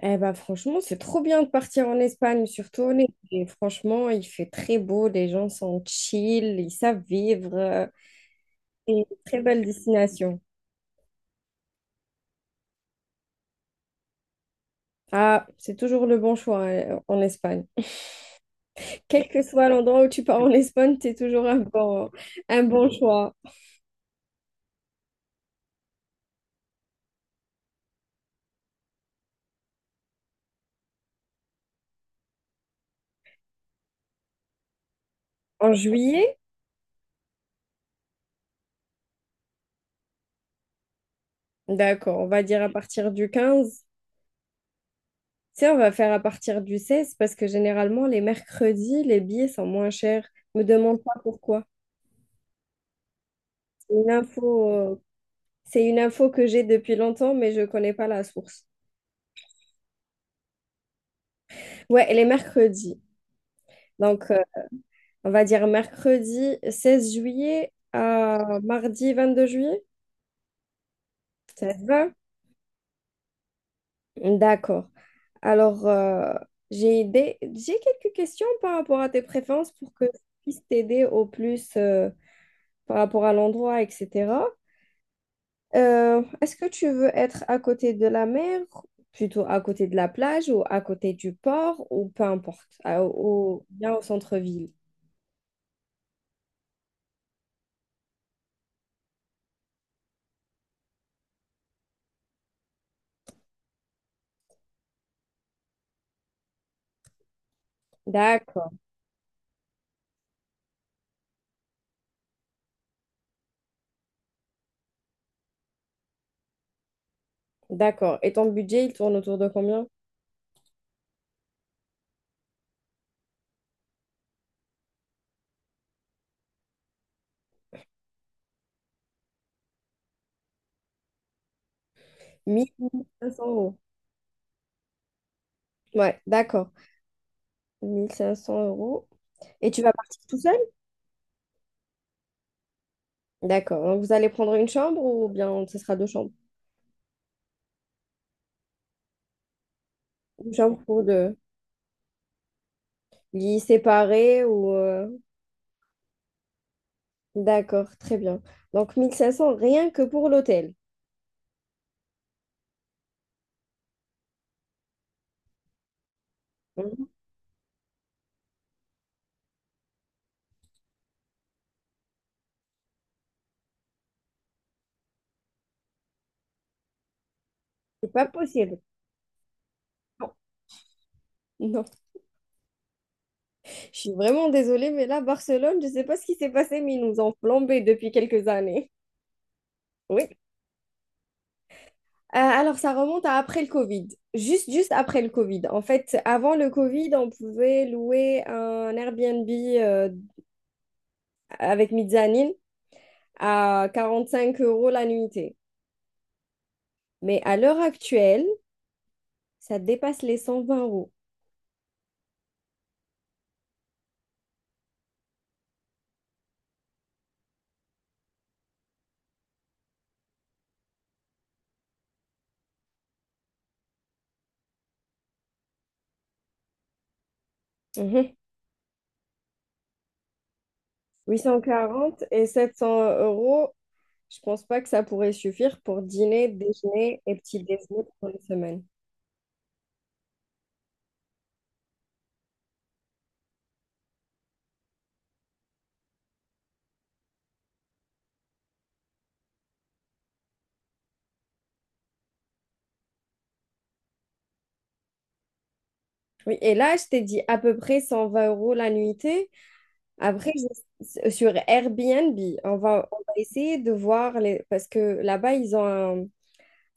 Eh ben, franchement, c'est trop bien de partir en Espagne, surtout en été. Et franchement, il fait très beau, les gens sont chill, ils savent vivre. C'est une très belle destination. Ah, c'est toujours le bon choix hein, en Espagne. Quel que soit l'endroit où tu pars en Espagne, c'est toujours un bon choix. En juillet, d'accord, on va dire à partir du 15. Tu sais, on va faire à partir du 16 parce que généralement, les mercredis, les billets sont moins chers. Me demande pas pourquoi. C'est une info euh, C'est une info que j'ai depuis longtemps, mais je ne connais pas la source. Ouais, elle est mercredi. Donc, on va dire mercredi 16 juillet à mardi 22 juillet. Ça te va? D'accord. Alors, j'ai quelques questions par rapport à tes préférences pour que je puisse t'aider au plus par rapport à l'endroit, etc. Est-ce que tu veux être à côté de la mer, plutôt à côté de la plage ou à côté du port ou peu importe, bien au centre-ville? D'accord, d'accord. Et ton budget, il tourne autour de combien? 1500 euros. Ouais, d'accord. 1500 euros. Et tu vas partir tout seul? D'accord. Donc vous allez prendre une chambre ou bien ce sera deux chambres? Une chambre pour deux. Lits séparés ou? D'accord, très bien. Donc 1 500 rien que pour l'hôtel. Mhm. C'est pas possible. Non. Non. Je suis vraiment désolée, mais là, Barcelone, je ne sais pas ce qui s'est passé, mais ils nous ont plombé depuis quelques années. Oui. Alors, ça remonte à après le Covid. Juste, juste après le Covid. En fait, avant le Covid, on pouvait louer un Airbnb avec mezzanine à 45 € la nuitée. Mais à l'heure actuelle, ça dépasse les 120 euros. Mhm. 840 et 700 euros, je pense pas que ça pourrait suffire pour dîner, déjeuner et petit déjeuner pour une semaine. Oui, et là, je t'ai dit à peu près 120 € la nuitée. Après, sur Airbnb, on va essayer de voir les, parce que là-bas, ils ont un,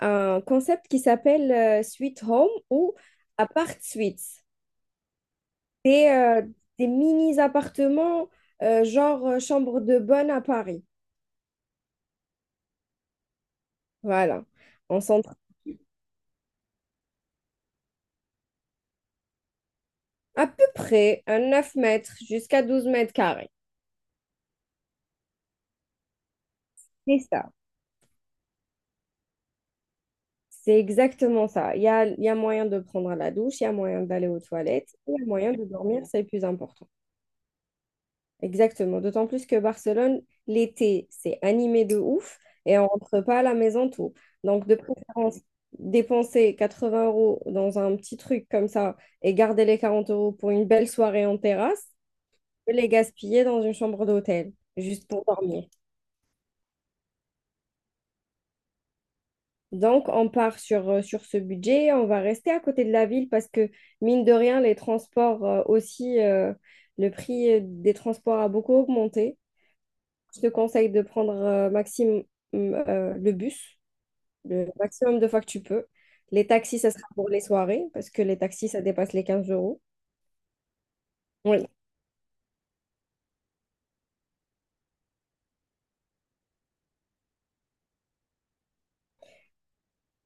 un concept qui s'appelle Suite Home ou Apart Suites. C'est euh, des mini-appartements, genre chambre de bonne à Paris. Voilà. On s'entraîne à peu près à 9 mètres jusqu'à 12 mètres carrés. C'est ça. C'est exactement ça. Il y a moyen de prendre la douche, il y a moyen d'aller aux toilettes, et il y a moyen de dormir, c'est le plus important. Exactement. D'autant plus que Barcelone, l'été, c'est animé de ouf et on rentre pas à la maison tôt. Donc, de préférence, dépenser 80 € dans un petit truc comme ça et garder les 40 € pour une belle soirée en terrasse, que les gaspiller dans une chambre d'hôtel, juste pour dormir. Donc, on part sur ce budget, on va rester à côté de la ville parce que, mine de rien, les transports aussi, le prix des transports a beaucoup augmenté. Je te conseille de prendre maximum le bus, le maximum de fois que tu peux. Les taxis, ça sera pour les soirées parce que les taxis, ça dépasse les quinze euros. Oui.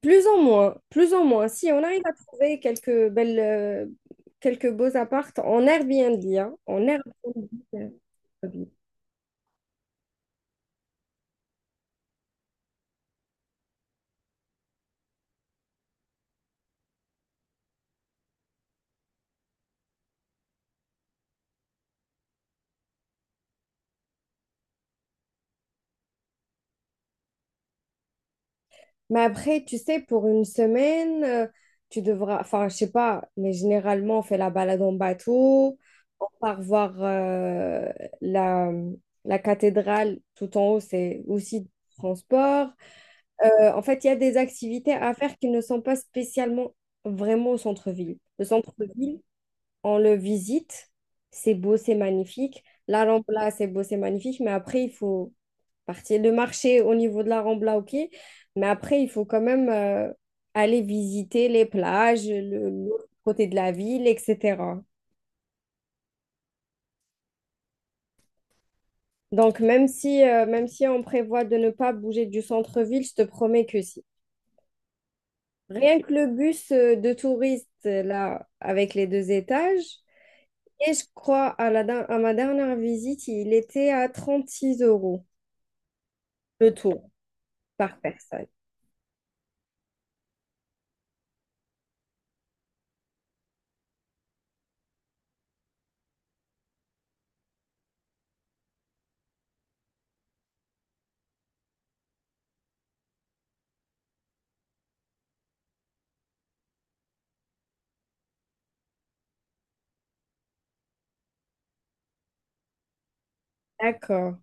Plus en moins, plus en moins. Si on arrive à trouver quelques beaux apparts en Airbnb, hein, en Airbnb, euh, Mais après, tu sais, pour une semaine, tu devras, enfin, je sais pas, mais généralement, on fait la balade en bateau, on part voir la, la cathédrale tout en haut, c'est aussi du transport. En fait, il y a des activités à faire qui ne sont pas spécialement vraiment au centre-ville. Le centre-ville, on le visite, c'est beau, c'est magnifique. La Rambla, c'est beau, c'est magnifique, mais après, il faut partie. Le marché au niveau de la Rambla, ok. Mais après, il faut quand même aller visiter les plages, l'autre côté de la ville, etc. Donc, même si on prévoit de ne pas bouger du centre-ville, je te promets que si. Rien que le bus de touristes, là, avec les deux étages, et je crois à ma dernière visite, il était à 36 € le tour. Par personne. D'accord.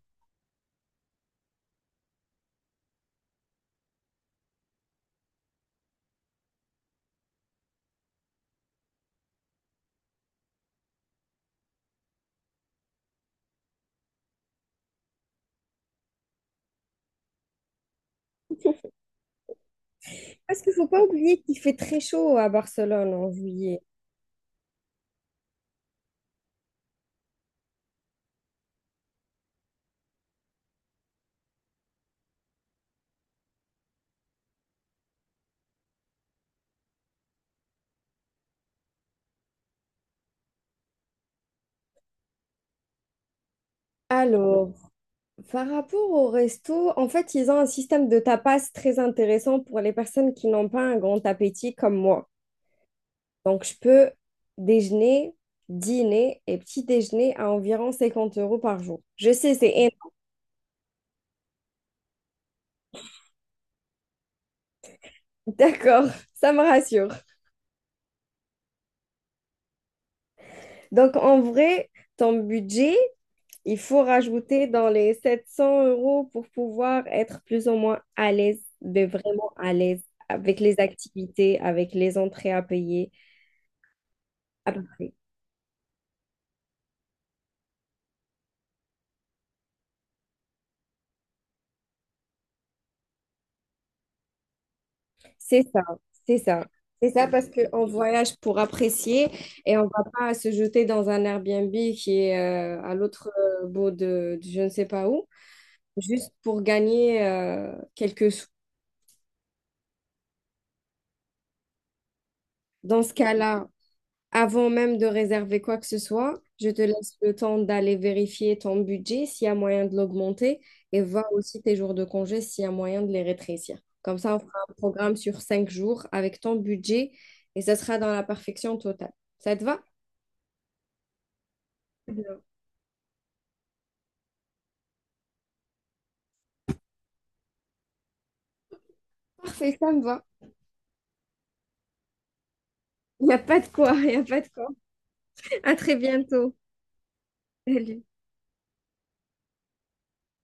Parce qu'il ne faut pas oublier qu'il fait très chaud à Barcelone en juillet. Alors, par rapport au resto, en fait, ils ont un système de tapas très intéressant pour les personnes qui n'ont pas un grand appétit comme moi. Donc, je peux déjeuner, dîner et petit déjeuner à environ 50 € par jour. Je sais, c'est énorme. D'accord, ça me rassure. Donc, en vrai, ton budget, il faut rajouter dans les 700 € pour pouvoir être plus ou moins à l'aise, mais vraiment à l'aise avec les activités, avec les entrées à payer, à peu près. C'est ça, c'est ça. C'est ça parce qu'on voyage pour apprécier et on va pas se jeter dans un Airbnb qui est à l'autre bout de je ne sais pas où, juste pour gagner quelques sous. Dans ce cas-là, avant même de réserver quoi que ce soit, je te laisse le temps d'aller vérifier ton budget, s'il y a moyen de l'augmenter, et voir aussi tes jours de congé, s'il y a moyen de les rétrécir. Comme ça, on fera un programme sur 5 jours avec ton budget et ça sera dans la perfection totale. Ça te va? Bien. Parfait, ça me va. Il n'y a pas de quoi, il n'y a pas de quoi. À très bientôt. Salut.